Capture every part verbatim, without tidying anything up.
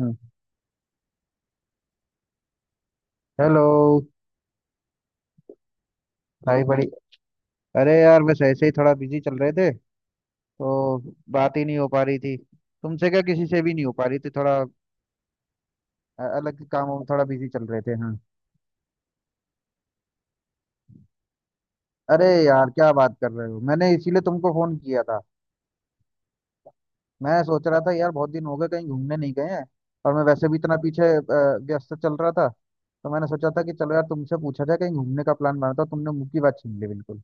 हम्म, hello. भाई बड़ी... अरे यार, बस ऐसे ही थोड़ा बिजी चल रहे थे। तो बात ही नहीं हो पा रही थी तुमसे, क्या किसी से भी नहीं हो पा रही थी, थोड़ा अ- अलग कामों में थोड़ा बिजी चल रहे थे, हाँ। अरे यार क्या बात कर रहे हो, मैंने इसीलिए तुमको फोन किया था। मैं सोच रहा था यार, बहुत दिन हो गए कहीं घूमने नहीं गए हैं, और मैं वैसे भी इतना पीछे अ, व्यस्त चल रहा था। तो मैंने सोचा था कि चलो यार तुमसे पूछा जाए, कहीं घूमने का प्लान बनाता हूँ, तुमने मुंह की बात छीन ली बिल्कुल।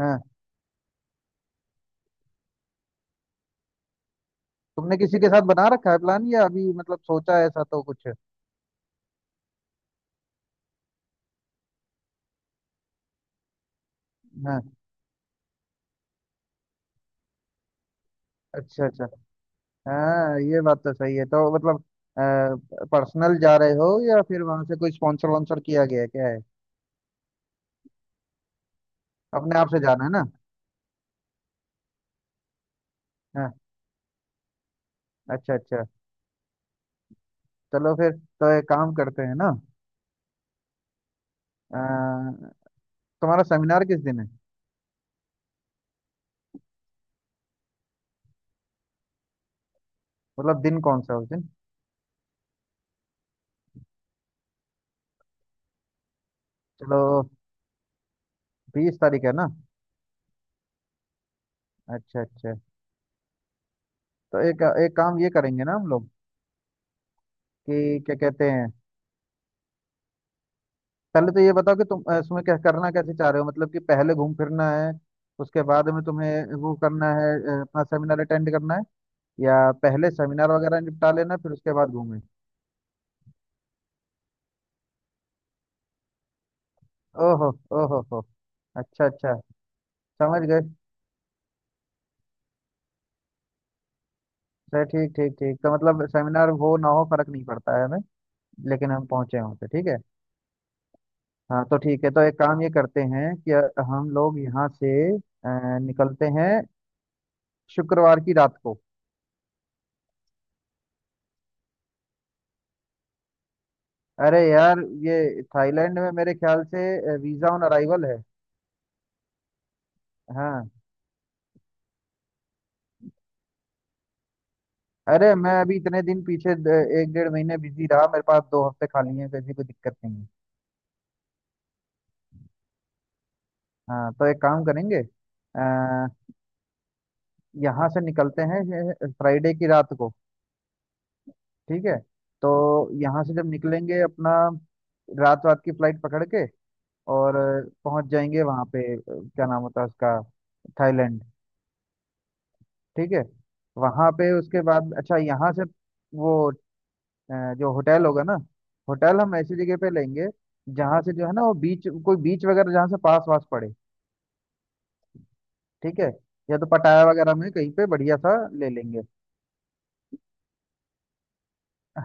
हाँ, तुमने किसी के साथ बना रखा है प्लान, या अभी मतलब सोचा है ऐसा तो कुछ? हाँ। अच्छा अच्छा। हाँ ये बात तो सही है, तो मतलब पर्सनल जा रहे हो, या फिर वहां से कोई स्पॉन्सर वॉन्सर किया गया है? क्या है, अपने आप से जाना है ना। हाँ। अच्छा अच्छा। चलो फिर तो एक काम करते हैं ना। अ, तुम्हारा सेमिनार किस दिन है? मतलब दिन कौन सा है उस दिन? चलो, बीस तारीख है ना। अच्छा अच्छा। तो एक एक काम ये करेंगे ना हम लोग, कि क्या कहते हैं, पहले तो ये बताओ कि तुम अ, इसमें क्या करना कैसे चाह रहे हो, मतलब कि पहले घूम फिरना है, उसके बाद में तुम्हें वो करना है, अ, अपना सेमिनार अटेंड करना है, या पहले सेमिनार वगैरह निपटा लेना फिर उसके बाद घूमें? ओहो। ओहो हो। अच्छा अच्छा, समझ गए। सर, ठीक ठीक ठीक। तो मतलब सेमिनार हो ना हो, फर्क नहीं पड़ता है हमें। लेकिन हम पहुंचे वहां पे, ठीक है। हाँ तो ठीक है, तो एक काम ये करते हैं कि हम लोग यहाँ से अ, निकलते हैं शुक्रवार की रात को। अरे यार, ये थाईलैंड में मेरे ख्याल से वीजा ऑन अराइवल है। हाँ। अरे मैं अभी इतने दिन पीछे द- एक डेढ़ महीने बिजी रहा, मेरे पास दो हफ्ते खाली हैं, किसी कोई दिक्कत नहीं है। हाँ, तो एक काम करेंगे। अ, यहाँ से निकलते हैं फ्राइडे की रात को, ठीक है। तो यहाँ से जब निकलेंगे अपना रात रात की फ्लाइट पकड़ के, और अ, पहुंच जाएंगे वहाँ पे, अ, क्या नाम होता है उसका, थाईलैंड, ठीक है। वहाँ पे उसके बाद अच्छा, यहाँ से वो अ, जो होटल होगा ना, होटल हम ऐसी जगह पे लेंगे जहाँ से जो है ना वो बीच, कोई बीच वगैरह जहाँ से पास वास पड़े, ठीक है। या तो पटाया वगैरह में कहीं पे बढ़िया सा ले लेंगे।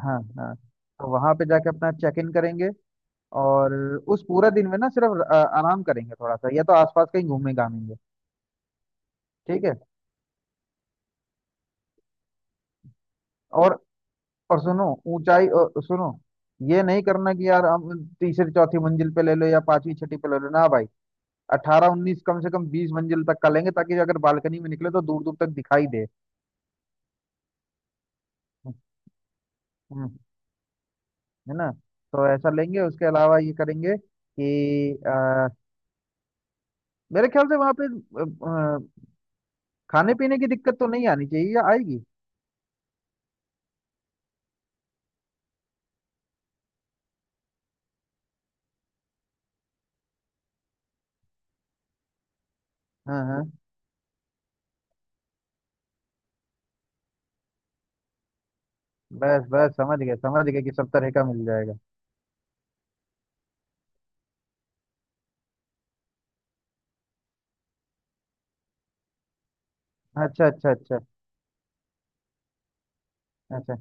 हाँ हाँ। तो वहां पे जाके अपना चेक इन करेंगे, और उस पूरा दिन में ना सिर्फ अ, आराम करेंगे थोड़ा सा, या तो आसपास कहीं घूमने घामेंगे, ठीक है। और... और सुनो, ऊंचाई... और सुनो, ये नहीं करना कि यार हम तीसरी चौथी मंजिल पे ले लो, या पांचवी छठी पे ले लो ना भाई। अठारह उन्नीस, कम से कम बीस मंजिल तक का लेंगे, ताकि अगर बालकनी में निकले तो दूर दूर तक दिखाई दे। हम्म। हम्म। है ना। तो ऐसा लेंगे, उसके अलावा ये करेंगे कि अ, मेरे ख्याल से वहां पे अ, अ, खाने पीने की दिक्कत तो नहीं आनी चाहिए, या आएगी? हाँ हाँ। बस बस, समझ गया समझ गया, कि सब तरह का मिल जाएगा। अच्छा अच्छा अच्छा। अच्छा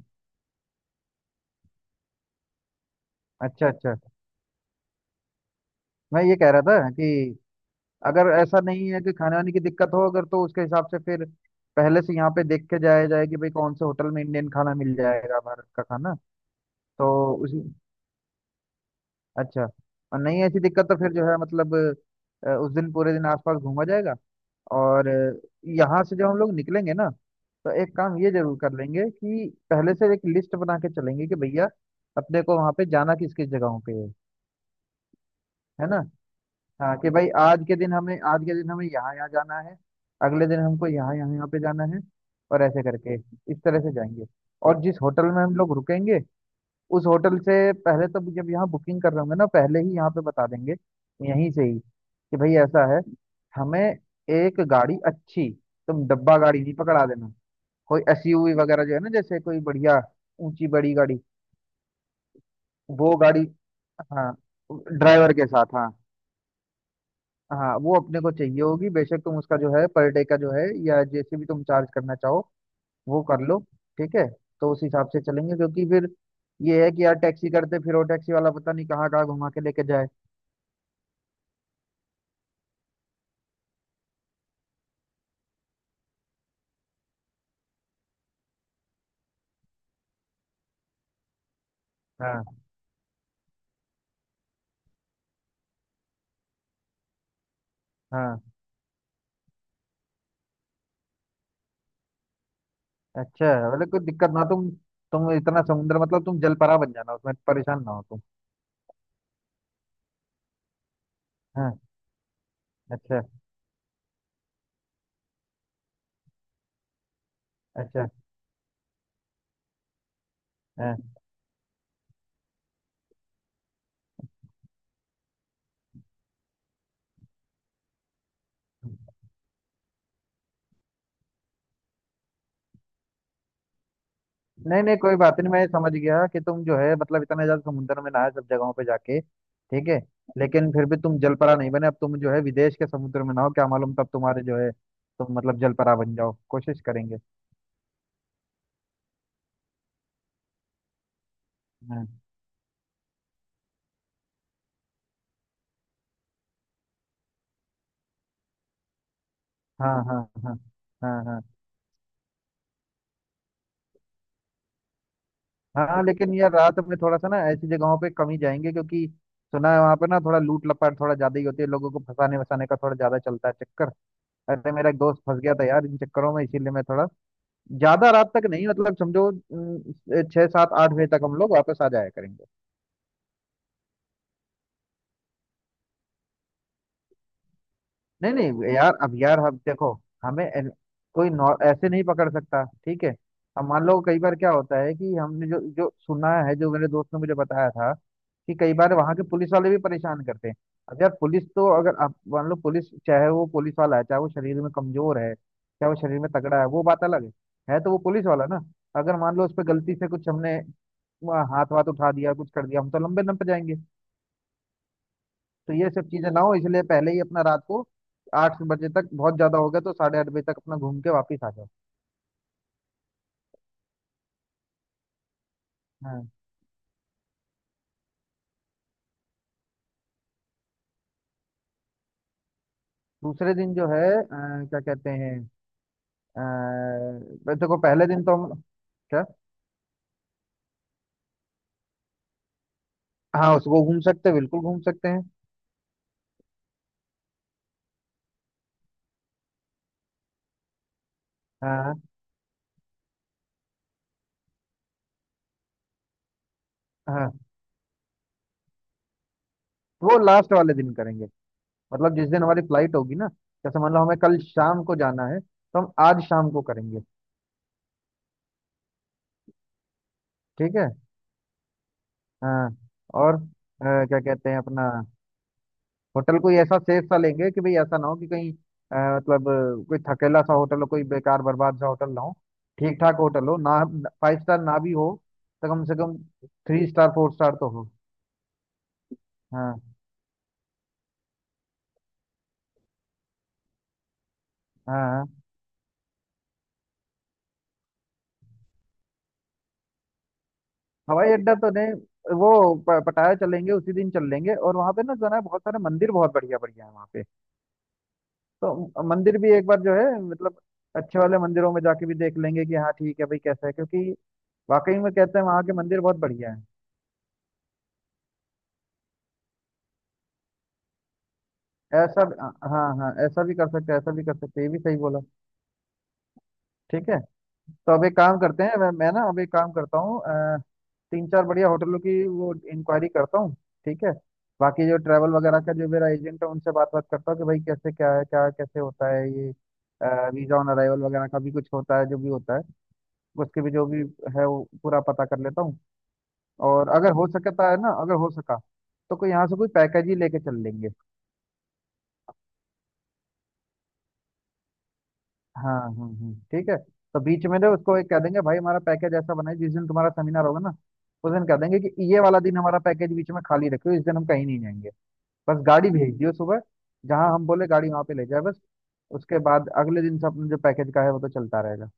अच्छा अच्छा। मैं ये कह रहा था कि अगर ऐसा नहीं है कि खाने वाने की दिक्कत हो, अगर तो उसके हिसाब से फिर पहले से यहाँ पे देख के जाया जाए कि भाई कौन से होटल में इंडियन खाना मिल जाएगा, भारत का खाना। तो उसी... अच्छा। और नहीं ऐसी दिक्कत तो फिर जो है मतलब अ, उस दिन पूरे दिन आसपास घूमा जाएगा। और अ, यहाँ से जब हम लोग निकलेंगे ना, तो एक काम ये जरूर कर लेंगे कि पहले से एक लिस्ट बना के चलेंगे कि भैया अपने को वहां पे जाना किस किस जगहों पे है। है ना। हाँ कि भाई, आज के दिन हमें, आज के दिन हमें यहाँ यहाँ जाना है, अगले दिन हमको यहाँ यहाँ यहाँ पे जाना है, और ऐसे करके इस तरह से जाएंगे। और जिस होटल में हम लोग रुकेंगे, उस होटल से पहले तो जब यहाँ बुकिंग कर रहे होंगे ना, पहले ही यहाँ पे बता देंगे, यहीं से ही कि भाई ऐसा है, हमें एक गाड़ी अच्छी, तुम डब्बा गाड़ी नहीं पकड़ा देना, कोई एसयूवी वगैरह जो है ना, जैसे कोई बढ़िया ऊंची बड़ी गाड़ी, वो गाड़ी, हाँ ड्राइवर के साथ, हाँ। हाँ वो अपने को चाहिए होगी, बेशक तुम उसका जो है पर डे का जो है, या जैसे भी तुम चार्ज करना चाहो वो कर लो, ठीक है। तो उस हिसाब से चलेंगे, क्योंकि फिर ये है कि यार टैक्सी करते, फिर वो टैक्सी वाला पता नहीं कहाँ कहाँ घुमा के लेके जाए। हाँ हाँ। अच्छा, मतलब कोई दिक्कत ना तुम तुम इतना समुद्र, मतलब तुम जलपरा बन जाना, उसमें परेशान ना हो तुम। हाँ। अच्छा। अच्छा। हाँ। नहीं नहीं, कोई बात नहीं, मैं समझ गया कि तुम जो है मतलब इतना ज्यादा समुद्र में नहाए सब जगहों पे जाके, ठीक है। लेकिन फिर भी तुम जलपरा नहीं बने, अब तुम जो है विदेश के समुद्र में नहाओ, क्या मालूम तब तुम्हारे जो है तुम मतलब जलपरा बन जाओ, कोशिश करेंगे। हाँ हाँ हाँ। हाँ हाँ हाँ हाँ। लेकिन यार रात में थोड़ा सा ना ऐसी जगहों पे कम ही जाएंगे, क्योंकि सुना है वहां पे ना थोड़ा लूट लपाट थोड़ा ज्यादा ही होती है, लोगों को फंसाने वसाने का थोड़ा ज्यादा चलता है चक्कर। ऐसे मेरा एक दोस्त फंस गया था यार इन चक्करों में, इसीलिए मैं थोड़ा ज्यादा रात तक नहीं, मतलब समझो, अम, छः सात आठ बजे तक हम लोग वापस आ जाया करेंगे। नहीं नहीं यार, अब यार हम देखो, हमें एन- कोई नौ- ऐसे नहीं पकड़ सकता, ठीक है। अब मान लो कई बार क्या होता है कि हमने जो जो सुना है, जो मेरे दोस्त ने मुझे बताया था, कि कई बार वहां के पुलिस वाले भी परेशान करते हैं। अब यार पुलिस तो, अगर आप मान लो, पुलिस चाहे वो पुलिस वाला है, चाहे वो शरीर में कमजोर है, चाहे वो शरीर में तगड़ा है, वो बात अलग है। है तो वो पुलिस वाला ना। अगर मान लो उस पर गलती से कुछ हमने वहाँ हाथ वाथ उठा दिया, कुछ कर दिया, हम तो लंबे दम पे जाएंगे। तो ये सब चीजें ना हो, इसलिए पहले ही अपना रात को आठ बजे तक, बहुत ज्यादा हो गया तो साढ़े आठ बजे तक अपना घूम के वापिस आ जाओ। हाँ। दूसरे दिन जो है अ, क्या कहते हैं, अ, तो देखो पहले दिन तो हम... क्या? हाँ उसको घूम सकते हैं, बिल्कुल घूम सकते हैं। हाँ हाँ, वो लास्ट वाले दिन करेंगे, मतलब जिस दिन हमारी फ्लाइट होगी ना, जैसे मान लो हमें कल शाम को जाना है तो हम आज शाम को करेंगे, ठीक है। हाँ। और अ, क्या कहते हैं अपना होटल कोई ऐसा सेफ सा लेंगे, कि भाई ऐसा ना हो कि कहीं अ, मतलब अ, कोई थकेला सा होटल हो, कोई बेकार बर्बाद सा होटल ना हो। ठीक ठाक होटल हो ना, फाइव स्टार ना भी हो, तो कम से कम थ्री स्टार फोर स्टार तो हो। हाँ हाँ हाँ। हवाई अड्डा तो नहीं, वो प- पटाया चलेंगे उसी दिन चल लेंगे, और वहां पे ना जो है ना बहुत सारे मंदिर, बहुत बढ़िया बढ़िया है वहाँ पे। तो मंदिर भी एक बार जो है मतलब अच्छे वाले मंदिरों में जाके भी देख लेंगे कि हाँ ठीक है भाई कैसा है, क्योंकि वाकई में कहते हैं वहाँ के मंदिर बहुत बढ़िया है। ऐसा भी... हाँ हाँ हाँ, ऐसा भी कर सकते हैं, ऐसा भी कर सकते हैं, ये भी सही बोला। ठीक है। तो अब एक काम करते हैं, मैं, मैं ना अब एक काम करता हूँ, अ, तीन चार बढ़िया होटलों की वो इंक्वायरी करता हूँ, ठीक है। बाकी जो ट्रैवल वगैरह का जो मेरा एजेंट है उनसे बात बात करता हूँ कि भाई कैसे क्या है, क्या कैसे होता है, ये वीजा ऑन अराइवल वगैरह का भी कुछ होता है, जो भी होता है उसके भी जो भी है वो पूरा पता कर लेता हूँ। और अगर हो सकता है ना, अगर हो सका तो कोई यहाँ से कोई पैकेज ही लेके चल लेंगे। हाँ हम्म हम्म, ठीक है। तो बीच में ना उसको एक कह देंगे भाई हमारा पैकेज ऐसा बनाए, जिस दिन तुम्हारा सेमिनार होगा ना, उस दिन कह देंगे कि ये वाला दिन हमारा पैकेज बीच में खाली रखो, इस दिन हम कहीं नहीं जाएंगे, बस गाड़ी भेज दियो सुबह जहाँ हम बोले गाड़ी वहाँ पे ले जाए बस। उसके बाद अगले दिन से अपने जो पैकेज का है वो तो चलता रहेगा,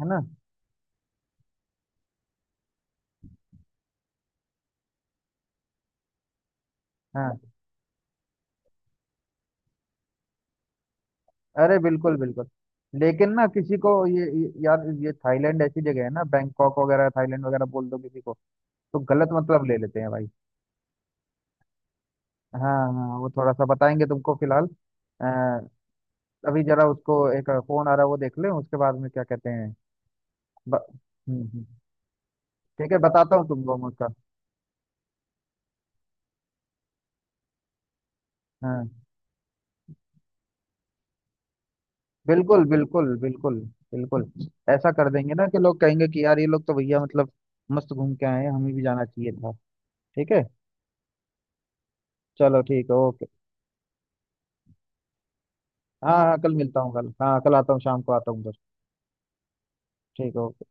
है ना। हाँ अरे बिल्कुल बिल्कुल। लेकिन ना किसी को ये, ये यार ये थाईलैंड ऐसी जगह है ना, बैंकॉक वगैरह थाईलैंड वगैरह बोल दो किसी को, तो गलत मतलब ले लेते हैं भाई। हाँ हाँ वो थोड़ा सा बताएंगे तुमको, फिलहाल अभी जरा उसको एक फोन आ रहा है वो देख ले, उसके बाद में क्या कहते हैं। ब... हम्म हम्म। ठीक है, बताता हूँ तुमको मैं उसका। हाँ बिल्कुल बिल्कुल बिल्कुल। बिल्कुल। ऐसा कर देंगे ना कि लोग कहेंगे कि यार ये लोग तो भैया मतलब मस्त घूम के आए हैं, हमें भी जाना चाहिए था। ठीक है। चलो ठीक है, ओके। हाँ हाँ कल मिलता हूँ, कल हाँ, कल आता हूँ, शाम को आता हूँ उधर। ठीक है, ओके।